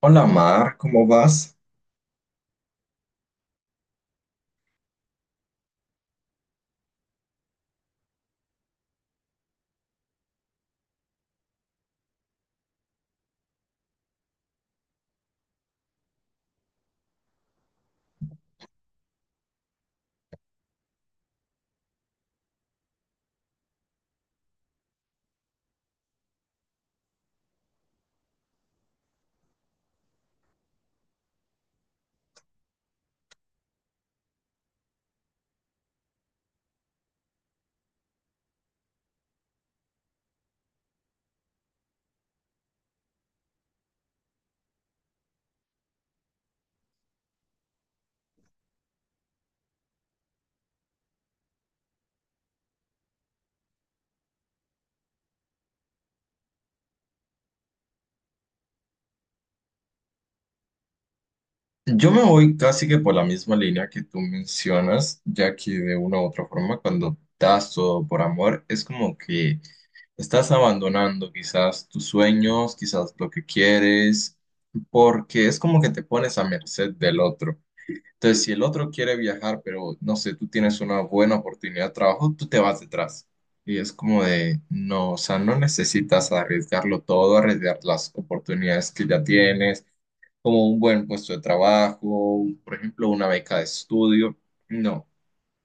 Hola Mar, ¿cómo vas? Yo me voy casi que por la misma línea que tú mencionas, ya que de una u otra forma cuando das todo por amor es como que estás abandonando quizás tus sueños, quizás lo que quieres, porque es como que te pones a merced del otro. Entonces, si el otro quiere viajar, pero no sé, tú tienes una buena oportunidad de trabajo, tú te vas detrás. Y es como de, no, o sea, no necesitas arriesgarlo todo, arriesgar las oportunidades que ya tienes como un buen puesto de trabajo, por ejemplo, una beca de estudio. No,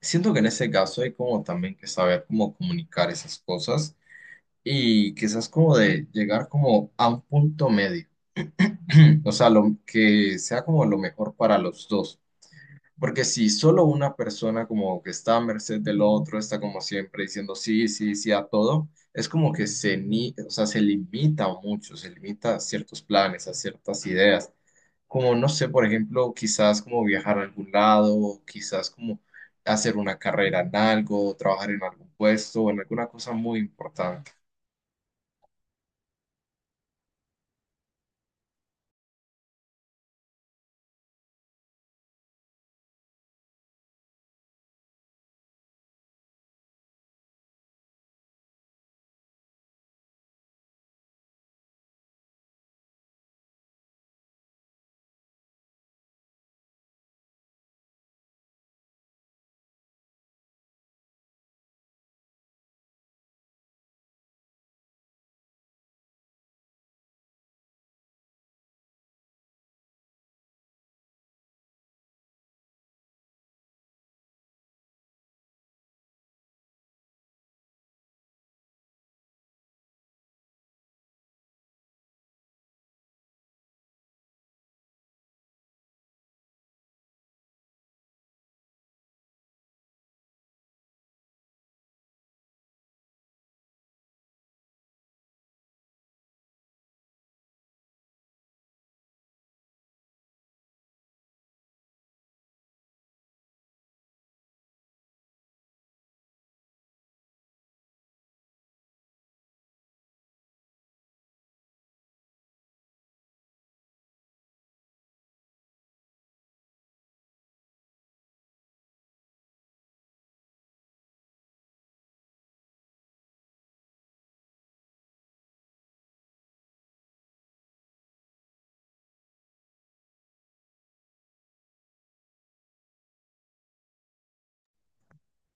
siento que en ese caso hay como también que saber cómo comunicar esas cosas y quizás como de llegar como a un punto medio, o sea, lo que sea como lo mejor para los dos. Porque si solo una persona como que está a merced del otro, está como siempre diciendo sí, sí, sí a todo, es como que se, ni, o sea, se limita mucho, se limita a ciertos planes, a ciertas ideas. Como, no sé, por ejemplo, quizás como viajar a algún lado, quizás como hacer una carrera en algo, trabajar en algún puesto o en alguna cosa muy importante.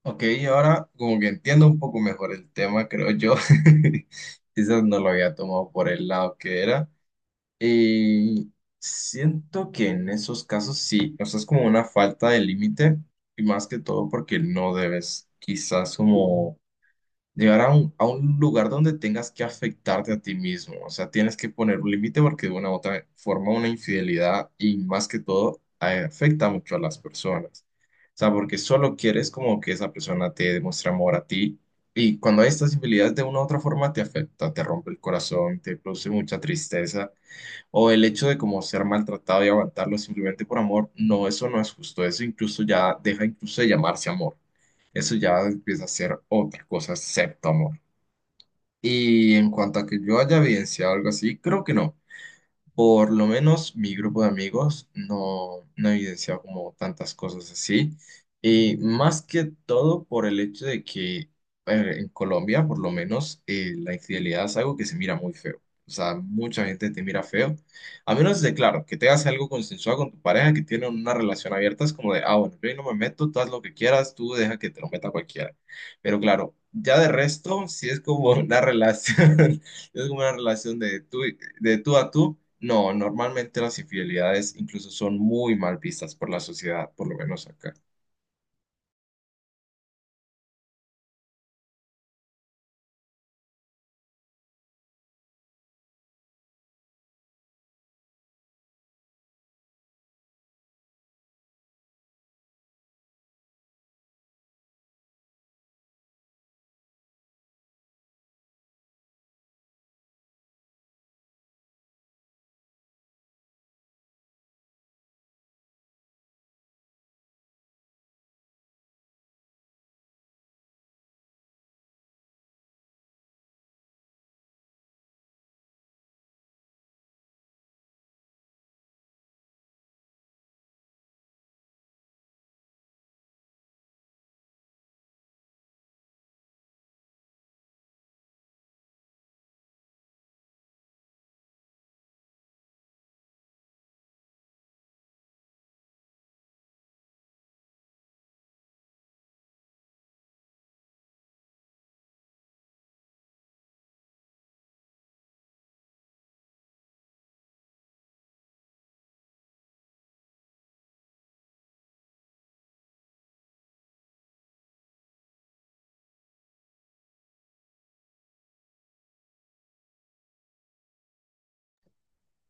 Ok, y ahora como que entiendo un poco mejor el tema, creo yo. Quizás no lo había tomado por el lado que era. Y siento que en esos casos sí, o sea, es como una falta de límite y más que todo porque no debes quizás como llegar a a un lugar donde tengas que afectarte a ti mismo, o sea, tienes que poner un límite porque de una u otra forma una infidelidad y más que todo afecta mucho a las personas, o sea, porque solo quieres como que esa persona te demuestre amor a ti. Y cuando hay estas infidelidades de una u otra forma te afecta, te rompe el corazón, te produce mucha tristeza. O el hecho de como ser maltratado y aguantarlo simplemente por amor, no, eso no es justo. Eso incluso ya deja incluso de llamarse amor. Eso ya empieza a ser otra cosa excepto amor. Y en cuanto a que yo haya evidenciado algo así, creo que no. Por lo menos mi grupo de amigos no ha evidenciado como tantas cosas así. Y más que todo por el hecho de que en Colombia, por lo menos, la infidelidad es algo que se mira muy feo. O sea, mucha gente te mira feo. A menos de, claro, que te hagas algo consensuado con tu pareja, que tienen una relación abierta, es como de, ah, bueno, yo ahí no me meto, tú haz lo que quieras, tú deja que te lo meta cualquiera. Pero claro, ya de resto, sí es como una relación. Es como una relación de tú, de tú a tú. No, normalmente las infidelidades incluso son muy mal vistas por la sociedad, por lo menos acá.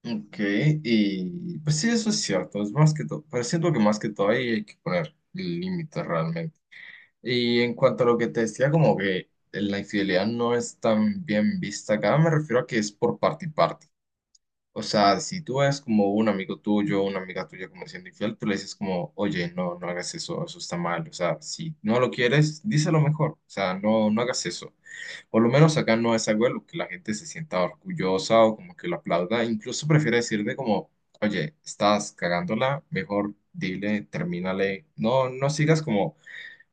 Ok, y pues sí, eso es cierto, es más que todo, pero siento que más que todo ahí hay que poner límites realmente. Y en cuanto a lo que te decía, como que la infidelidad no es tan bien vista acá, me refiero a que es por parte y parte. O sea, si tú ves como un amigo tuyo, una amiga tuya como siendo infiel, tú le dices como, oye, no, no hagas eso, eso está mal. O sea, si no lo quieres, díselo mejor. O sea, no, no hagas eso. Por lo menos acá no es algo de lo que la gente se sienta orgullosa o como que lo aplauda. Incluso prefiere decirle como, oye, estás cagándola, mejor dile, termínale. No, no sigas como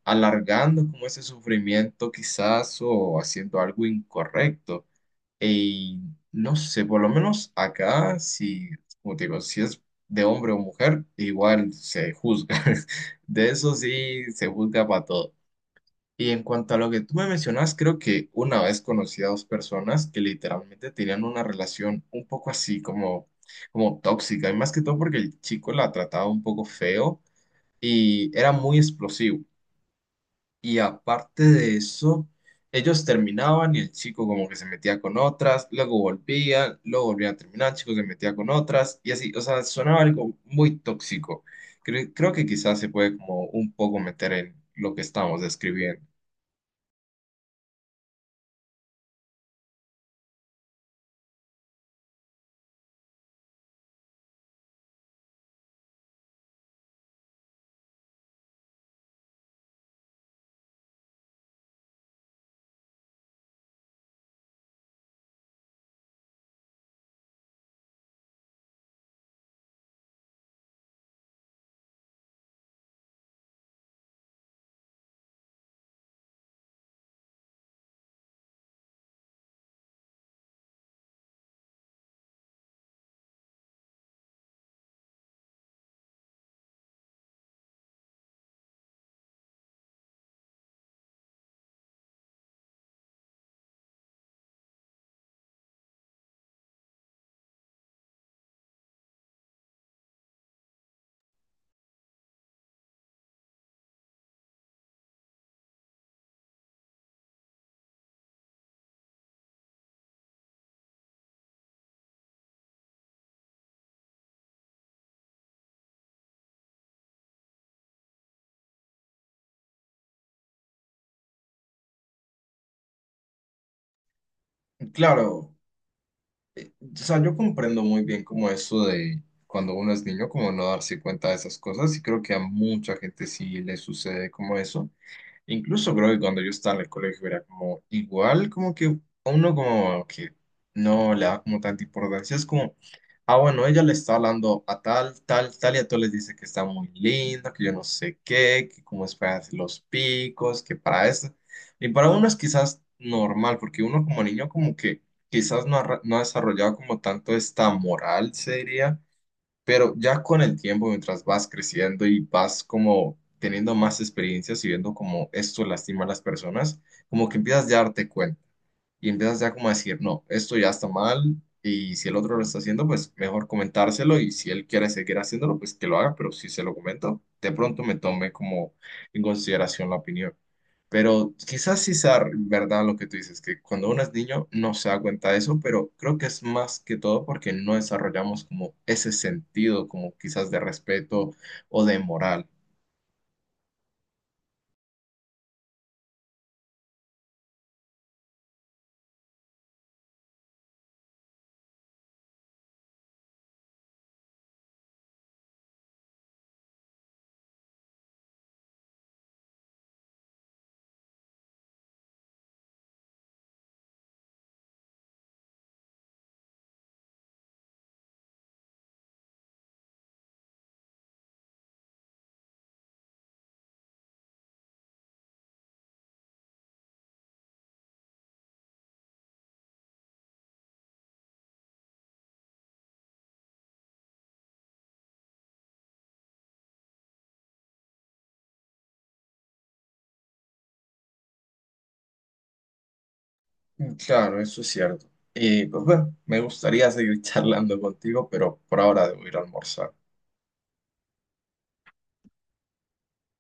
alargando como ese sufrimiento quizás o haciendo algo incorrecto. Y no sé, por lo menos acá, si, como te digo, si es de hombre o mujer, igual se juzga. De eso sí, se juzga para todo. Y en cuanto a lo que tú me mencionas, creo que una vez conocí a dos personas que literalmente tenían una relación un poco así, como, como tóxica, y más que todo porque el chico la trataba un poco feo y era muy explosivo. Y aparte de eso, ellos terminaban y el chico como que se metía con otras, luego volvían a terminar, el chico se metía con otras y así, o sea, sonaba algo muy tóxico. Creo que quizás se puede como un poco meter en lo que estamos describiendo. Claro, o sea, yo comprendo muy bien como eso de cuando uno es niño, como no darse cuenta de esas cosas y creo que a mucha gente sí le sucede como eso. Incluso creo que cuando yo estaba en el colegio era como igual, como que a uno como que no le da como tanta importancia. Es como, ah, bueno, ella le está hablando a tal, tal, tal, y a todos les dice que está muy linda, que yo no sé qué, que cómo es para hacer los picos, que para eso. Y para uno es quizás normal, porque uno como niño como que quizás no ha desarrollado como tanto esta moral, se diría pero ya con el tiempo, mientras vas creciendo y vas como teniendo más experiencias y viendo cómo esto lastima a las personas, como que empiezas ya a darte cuenta y empiezas ya como a decir, no, esto ya está mal y si el otro lo está haciendo, pues mejor comentárselo y si él quiere seguir haciéndolo, pues que lo haga, pero si se lo comento, de pronto me tome como en consideración la opinión. Pero quizás sí sea verdad lo que tú dices, que cuando uno es niño no se da cuenta de eso, pero creo que es más que todo porque no desarrollamos como ese sentido, como quizás de respeto o de moral. Claro, eso es cierto. Y pues bueno, me gustaría seguir charlando contigo, pero por ahora debo ir a almorzar.